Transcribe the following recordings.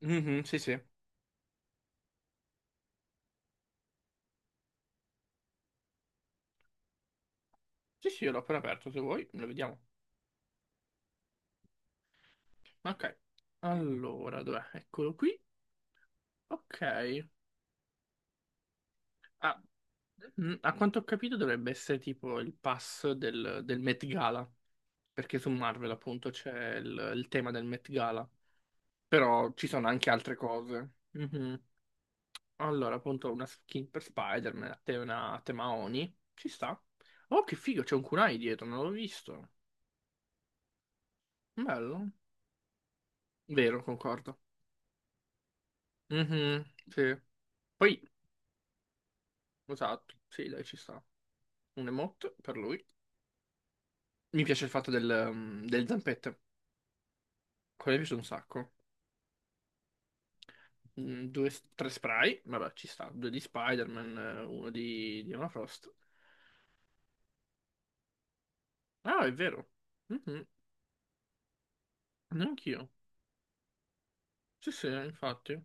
Mhm, sì, sì. Sì, sì, io l'ho appena aperto, se vuoi, lo vediamo. Ok. Allora, dov'è? Eccolo qui. Ok. Ah, a quanto ho capito dovrebbe essere tipo il pass del Met Gala, perché su Marvel appunto c'è il tema del Met Gala, però ci sono anche altre cose. Mhm. Allora, appunto, una skin per Spider-Man, una a tema Oni, ci sta. Oh, che figo, c'è un kunai dietro, non l'ho visto. Bello. Vero, concordo. Mhm, sì. Poi. Esatto, sì, dai, ci sta. Un emote per lui. Mi piace il fatto del, delle zampette. Quello mi piace un sacco. Due, tre spray, vabbè, ci sta. Due di Spider-Man, uno di Emma Frost. Ah, è vero. Mhm, neanch'io. Sì, sì, infatti.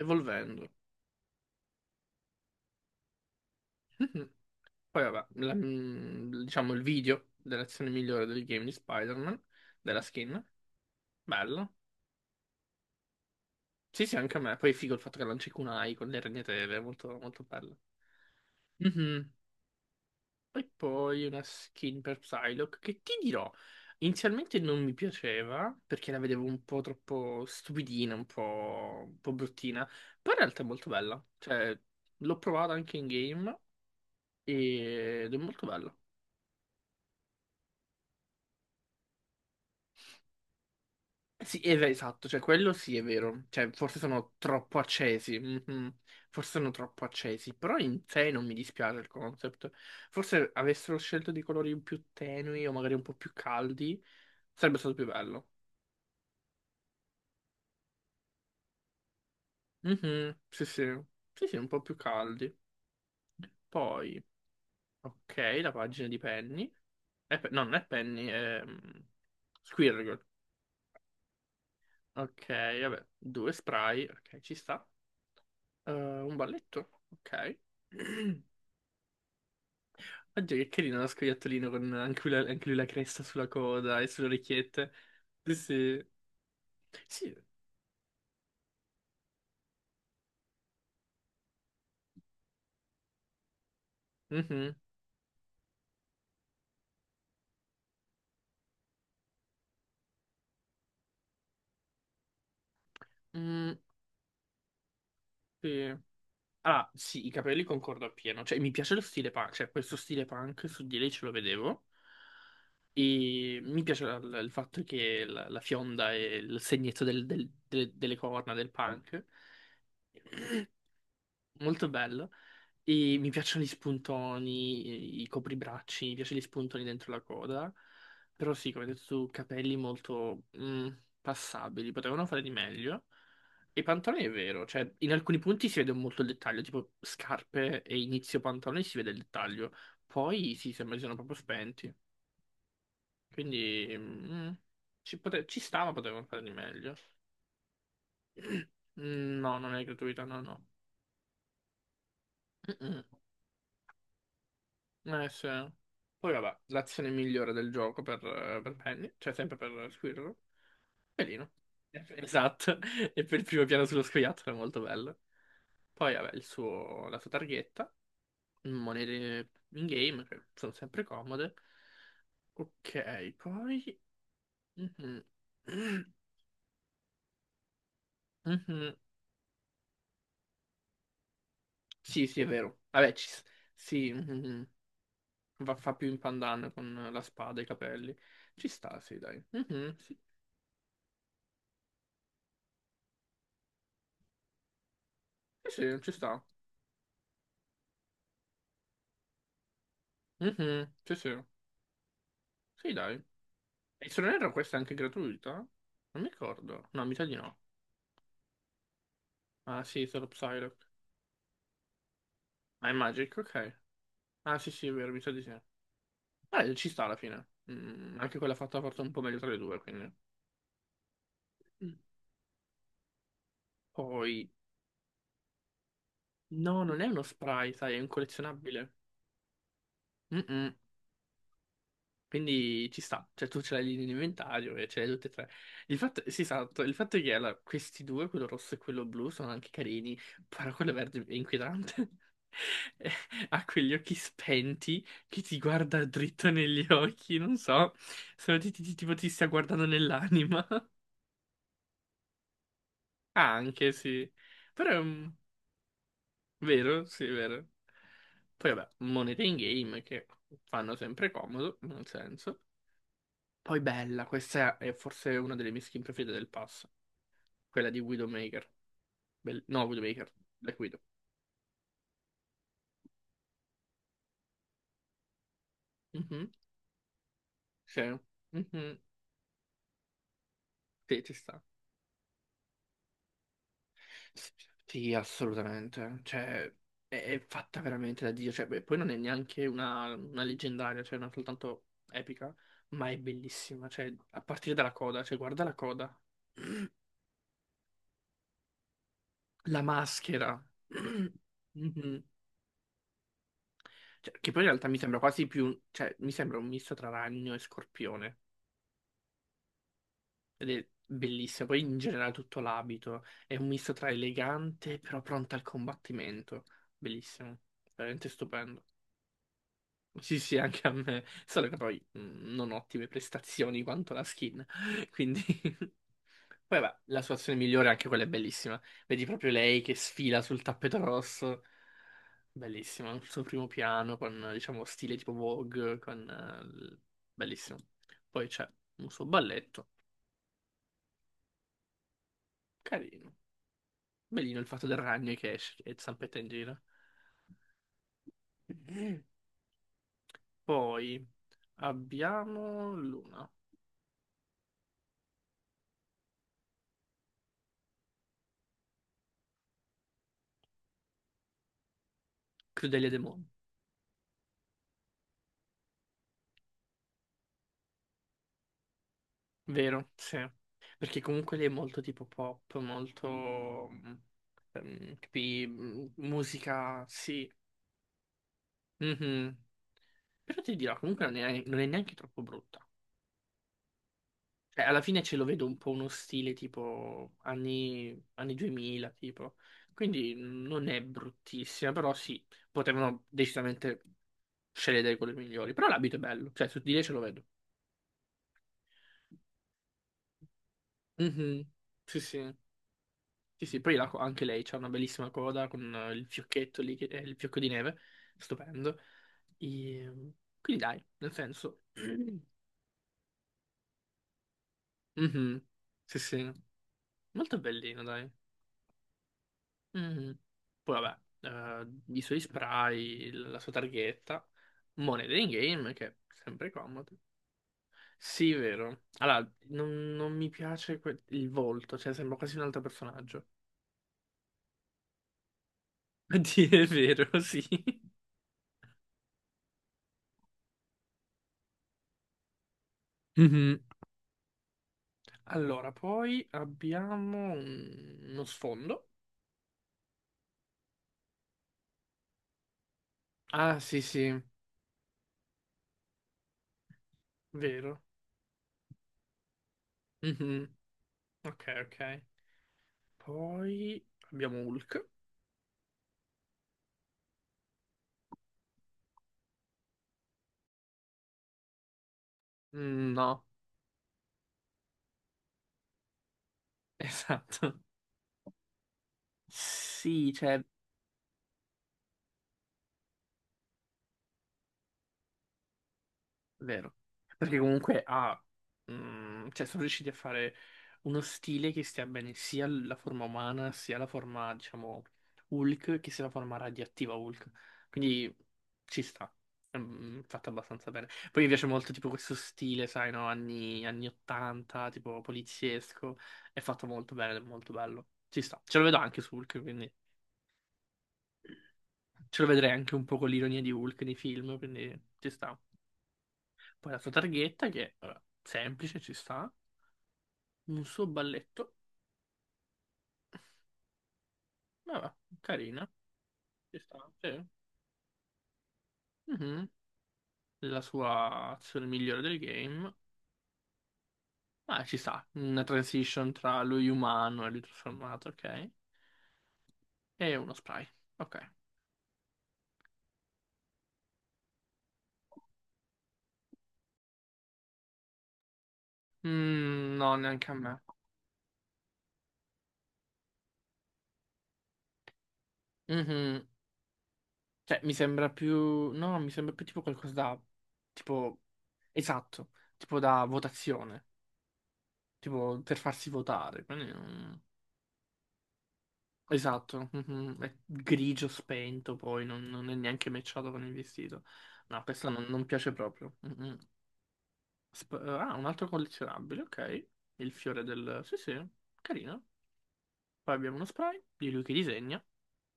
Evolvendo. Mhm. Poi, vabbè, diciamo il video dell'azione migliore del game di Spider-Man, della skin. Bello. Sì, sì, anche a me. Poi è figo il fatto che lanci kunai con le ragnatele, è molto, molto bello. Mhm. E poi una skin per Psylocke che ti dirò, inizialmente non mi piaceva perché la vedevo un po' troppo stupidina, un po' bruttina, però in realtà è molto bella. Cioè, l'ho provata anche in game ed è molto bella. Eh sì, esatto, cioè quello sì è vero, cioè forse sono troppo accesi, mhm. Forse sono troppo accesi, però in sé non mi dispiace il concept. Forse avessero scelto dei colori più tenui o magari un po' più caldi, sarebbe stato più bello. Mhm, sì, sì. Sì, sì, un po' più caldi. Poi, ok, la pagina di Penny. No, non è Penny, è Squirrel. Ok, vabbè, due spray. Ok, ci sta. Un balletto. Ok. Oggi che carino lo scoiattolino con anche lui la cresta sulla coda e sulle orecchiette. Sì, sì. Sì. Mhm. Mm, sì. Ah, sì, i capelli concordo appieno. Cioè, mi piace lo stile punk, cioè questo stile punk su di lei ce lo vedevo. E mi piace il fatto che la fionda e il segnetto delle corna del punk. Molto bello. E mi piacciono gli spuntoni, i copribracci, mi piacciono gli spuntoni dentro la coda. Però sì, come hai detto tu, capelli molto passabili, potevano fare di meglio. E i pantaloni è vero, cioè in alcuni punti si vede molto il dettaglio, tipo scarpe e inizio pantaloni si vede il dettaglio. Poi sì, sembra che siano proprio spenti. Quindi ci stava, potevano fare di meglio. Mm, no, non è gratuita, no, no. Mm-mm. Eh sì. Poi vabbè, l'azione migliore del gioco per, Penny, cioè sempre per Squirrel. Pelino. Esatto, e per il primo piano sullo scoiattolo è molto bello. Poi vabbè, la sua targhetta, monete in game, che sono sempre comode. Ok, poi... Mhm. Mhm. Sì, sì, è vero. Vabbè, sì, mhm. Va, fa più in pandan con la spada e i capelli. Ci sta, sì, dai. Mhm, sì, sì, sì, ci sta. Mhm, sì, sì. Sì, dai. E se non erro questa è anche gratuita? Non mi ricordo. No, mi sa di no. Ah, sì, solo Psylocke. Ah, è Magic, ok. Ah, sì, sì, è vero, mi sa di sì. Ah, ci sta alla fine. Anche quella fatta forse un po' meglio tra le due, quindi. Mm. Poi... No, non è uno spray, sai, è un collezionabile. Mm-mm. Quindi ci sta, cioè tu ce l'hai lì in inventario e ce l'hai tutte e tre. Il fatto, sì, esatto, il fatto è che allora, questi due, quello rosso e quello blu, sono anche carini, però quello verde è inquietante. Eh, ha quegli occhi spenti che ti guarda dritto negli occhi, non so, se tipo ti stia guardando nell'anima. Ah, anche, sì. Però vero, sì, è vero. Poi vabbè, monete in game che fanno sempre comodo, nel senso. Poi bella, questa è forse una delle mie skin preferite del pass, quella di Widowmaker. No, Widowmaker, Black Widow. Mhm, sì. Mhm, sì, ci sta. Sì, assolutamente. Cioè, è fatta veramente da Dio. Cioè, beh, poi non è neanche una leggendaria, cioè non soltanto epica, ma è bellissima. Cioè, a partire dalla coda, cioè, guarda la coda. La maschera. Mhm. Cioè, che poi in realtà mi sembra quasi più, cioè, mi sembra un misto tra ragno e scorpione. Ed è bellissimo. Poi in generale tutto l'abito è un misto tra elegante però pronta al combattimento. Bellissimo, veramente stupendo. Sì, sì, anche a me. Solo che poi non ottime prestazioni quanto la skin. Quindi, poi vabbè, la sua azione migliore, anche quella è bellissima. Vedi proprio lei che sfila sul tappeto rosso. Bellissima, il suo primo piano con, diciamo, stile tipo Vogue, con... Bellissimo. Poi c'è un suo balletto, carino. Bellino il fatto del ragno che esce e zampetta in giro. Poi abbiamo Luna, Crudelia De Mon, vero? Sì. Perché comunque lei è molto tipo pop, molto capi, musica, sì. Mhm. Però ti dirò, comunque non è neanche troppo brutta. Cioè, alla fine ce lo vedo un po' uno stile tipo anni 2000, tipo. Quindi non è bruttissima, però sì, potevano decisamente sceglie dei colori migliori. Però l'abito è bello, cioè su di lei ce lo vedo. Mhm. Sì, sì. Sì, sì, poi anche lei c'ha una bellissima coda con il fiocchetto lì, che è il fiocco di neve, stupendo. E, Quindi dai, nel senso... Mhm. Sì, sì, molto bellino, dai. Mhm. Poi vabbè, i suoi spray, la sua targhetta, monete in game, che è sempre comodo. Sì, vero. Allora, non mi piace il volto, cioè sembra quasi un altro personaggio. A dire il vero, sì. Mhm. Allora, poi abbiamo uno sfondo. Ah, sì, sì, vero. Mhm. Ok, ok. Poi abbiamo Hulk. Mm, no, esatto. Sì, cioè, vero. Perché comunque ha, cioè sono riusciti a fare uno stile che stia bene sia la forma umana, sia la forma, diciamo, Hulk, che sia la forma radioattiva Hulk. Quindi ci sta. Fatto abbastanza bene. Poi mi piace molto tipo questo stile, sai, no? Anni 80, tipo poliziesco. È fatto molto bene, ed è molto bello. Ci sta. Ce lo vedo anche su Hulk, quindi ce lo vedrei anche un po' con l'ironia di Hulk nei film, quindi ci sta. Poi la sua targhetta che, vabbè, semplice, ci sta. Un suo balletto, vabbè, carina, ci sta, sì. Mhm. La sua azione migliore del game. Ah, ci sta. Una transition tra lui umano e lui trasformato, ok. E uno spray, ok. Mm, no, neanche a me. Mhm. Cioè, mi sembra più... No, mi sembra più tipo qualcosa da... Tipo... Esatto. Tipo da votazione. Tipo per farsi votare. Quindi... mm. Esatto, mhm, è grigio spento, poi non è neanche matchato con il vestito. No, questo non piace proprio. Mhm. Ah, un altro collezionabile, ok. Il fiore del... Sì, sì, carino. Poi abbiamo uno spray di lui che disegna.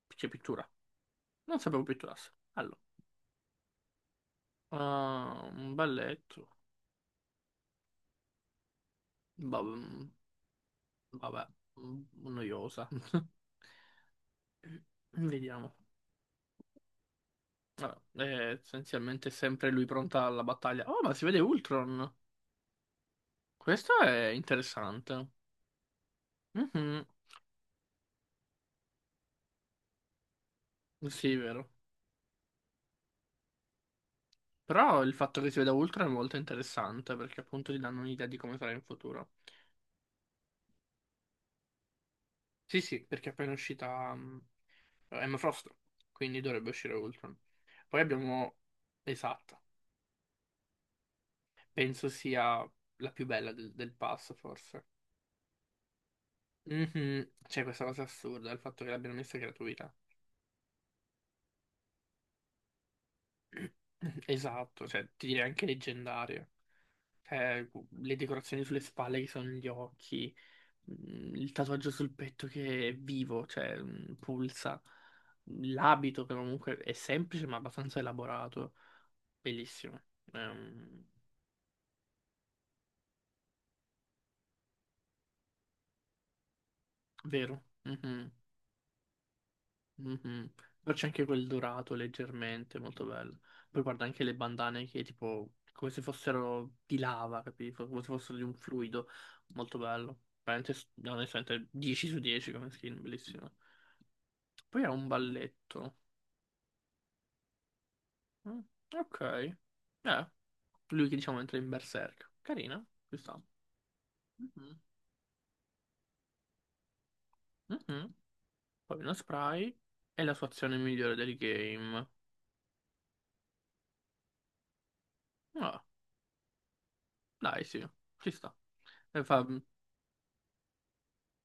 C'è pittura. Non sapevo pitturasse. Allora, ah, un balletto. Ba- Vabbè, mm, noiosa. Vediamo. Vabbè, è essenzialmente sempre lui pronta alla battaglia. Oh, ma si vede Ultron. Questo è interessante. Mhm, sì, è vero. Però il fatto che si veda Ultron è molto interessante perché appunto ti danno un'idea di come sarà in futuro. Sì, sì, perché è appena uscita Emma Frost, quindi dovrebbe uscire Ultron. Poi abbiamo... Esatto. Penso sia la più bella del pass, forse. Mhm, c'è questa cosa assurda, il fatto che l'abbiano messa gratuita. Esatto, cioè ti direi anche leggendaria. Cioè, le decorazioni sulle spalle che sono gli occhi. Il tatuaggio sul petto che è vivo, cioè pulsa, l'abito che comunque è semplice ma abbastanza elaborato, bellissimo, Ehm, Vero? Mhm, mhm. Poi c'è anche quel dorato leggermente, molto bello. Poi guarda anche le bandane che tipo come se fossero di lava, capito? Come se fossero di un fluido, molto bello. Veramente, no, onestamente, 10 su 10 come skin, bellissimo. Poi ha un balletto. Mm, ok. Eh. Lui che diciamo entra in berserk. Carina, ci sta. Mhm, mhm. Poi uno spray. È la sua azione migliore del game. Ah, dai, sì, ci sta. E fa-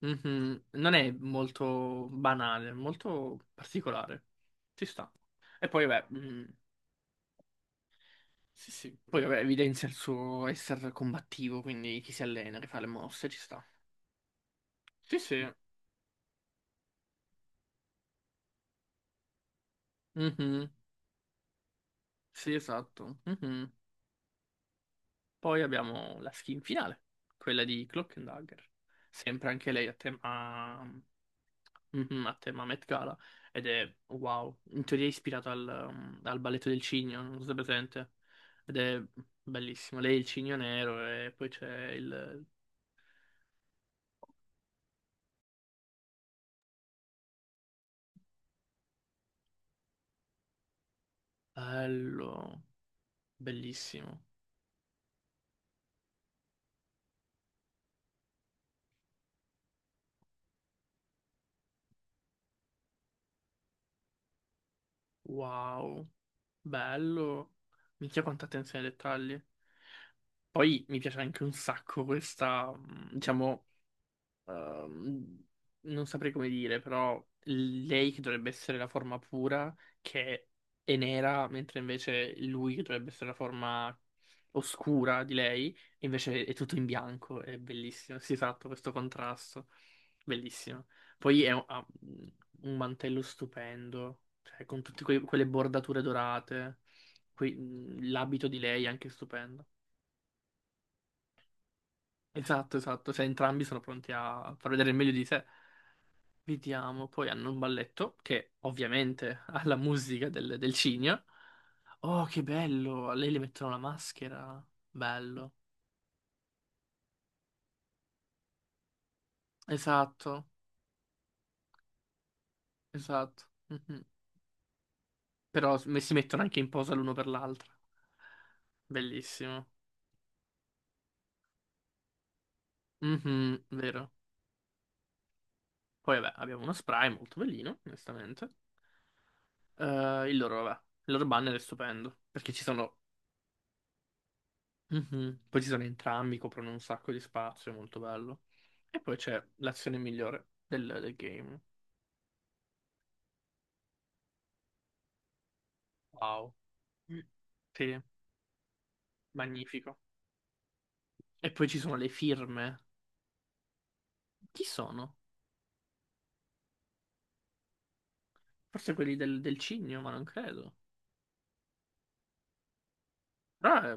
mhm. Non è molto banale, è molto particolare. Ci sta. E poi, vabbè, sì, sì. Poi, vabbè, evidenzia il suo essere combattivo, quindi chi si allena, che fa le mosse, ci sta. Sì, sì. Mhm. Sì, esatto. Mhm. Poi abbiamo la skin finale, quella di Cloak and Dagger. Sempre anche lei a tema Met Gala. Ed è wow. In teoria è ispirato al balletto del cigno, non so se è presente. Ed è bellissimo. Lei è il cigno nero e poi c'è il bello. Bellissimo. Wow. Bello. Minchia quanta attenzione ai dettagli. Poi mi piace anche un sacco questa, diciamo. ehm, Non saprei come dire, però lei che dovrebbe essere la forma pura, che è nera, mentre invece lui che dovrebbe essere la forma oscura di lei, invece è tutto in bianco, è bellissimo, si esatto, questo contrasto, bellissimo. Poi ha un mantello stupendo, cioè con tutte quelle bordature dorate, l'abito di lei è anche stupendo. Esatto, esatto, cioè entrambi sono pronti a far vedere il meglio di sé. Vediamo, poi hanno un balletto che ovviamente ha la musica del cigno. Oh, che bello! A lei le mettono la maschera. Bello. Esatto, esatto. Mhm. Però si mettono anche in posa l'uno per l'altra. Bellissimo. Mhm, vero. Poi vabbè, abbiamo uno spray molto bellino, onestamente. Vabbè, il loro banner è stupendo, perché ci sono Mhm. Poi ci sono entrambi, coprono un sacco di spazio, è molto bello. E poi c'è l'azione migliore del game. Wow. Mm. Sì, magnifico. E poi ci sono le firme. Chi sono? Forse quelli del cigno, ma non credo. Però è,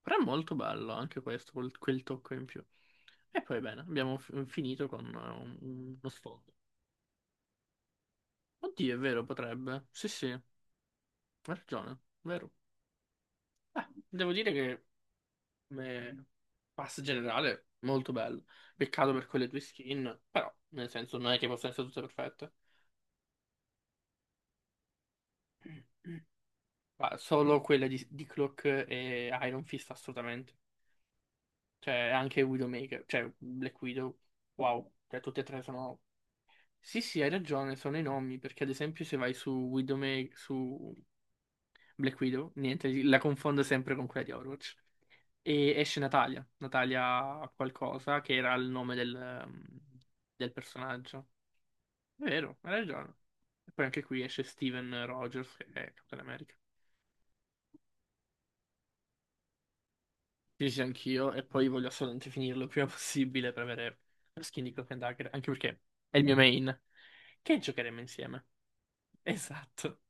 però è molto bello anche questo, quel tocco in più. E poi bene, abbiamo finito con uno sfondo. Oddio, è vero, potrebbe. Sì, sì, hai ragione, vero. Devo dire che come pass generale, molto bello. Peccato per quelle due skin, però, nel senso, non è che possono essere tutte perfette. Ma solo quelle di Cloak e Iron Fist, assolutamente. Cioè, anche Widowmaker, cioè Black Widow, wow. Cioè, tutte e tre sono... Sì, sì, hai ragione, sono i nomi, perché ad esempio se vai su Widowmaker, su Black Widow, niente, la confondo sempre con quella di Overwatch. E esce Natalia, Natalia qualcosa, che era il nome del personaggio. Vero, hai ragione. E poi anche qui esce Steven Rogers, che è Captain America. Sì, sì, anch'io. E poi voglio assolutamente finirlo il prima possibile per avere lo skin di Cloak and Dagger, anche perché è il mio main. Che giocheremo insieme. Esatto.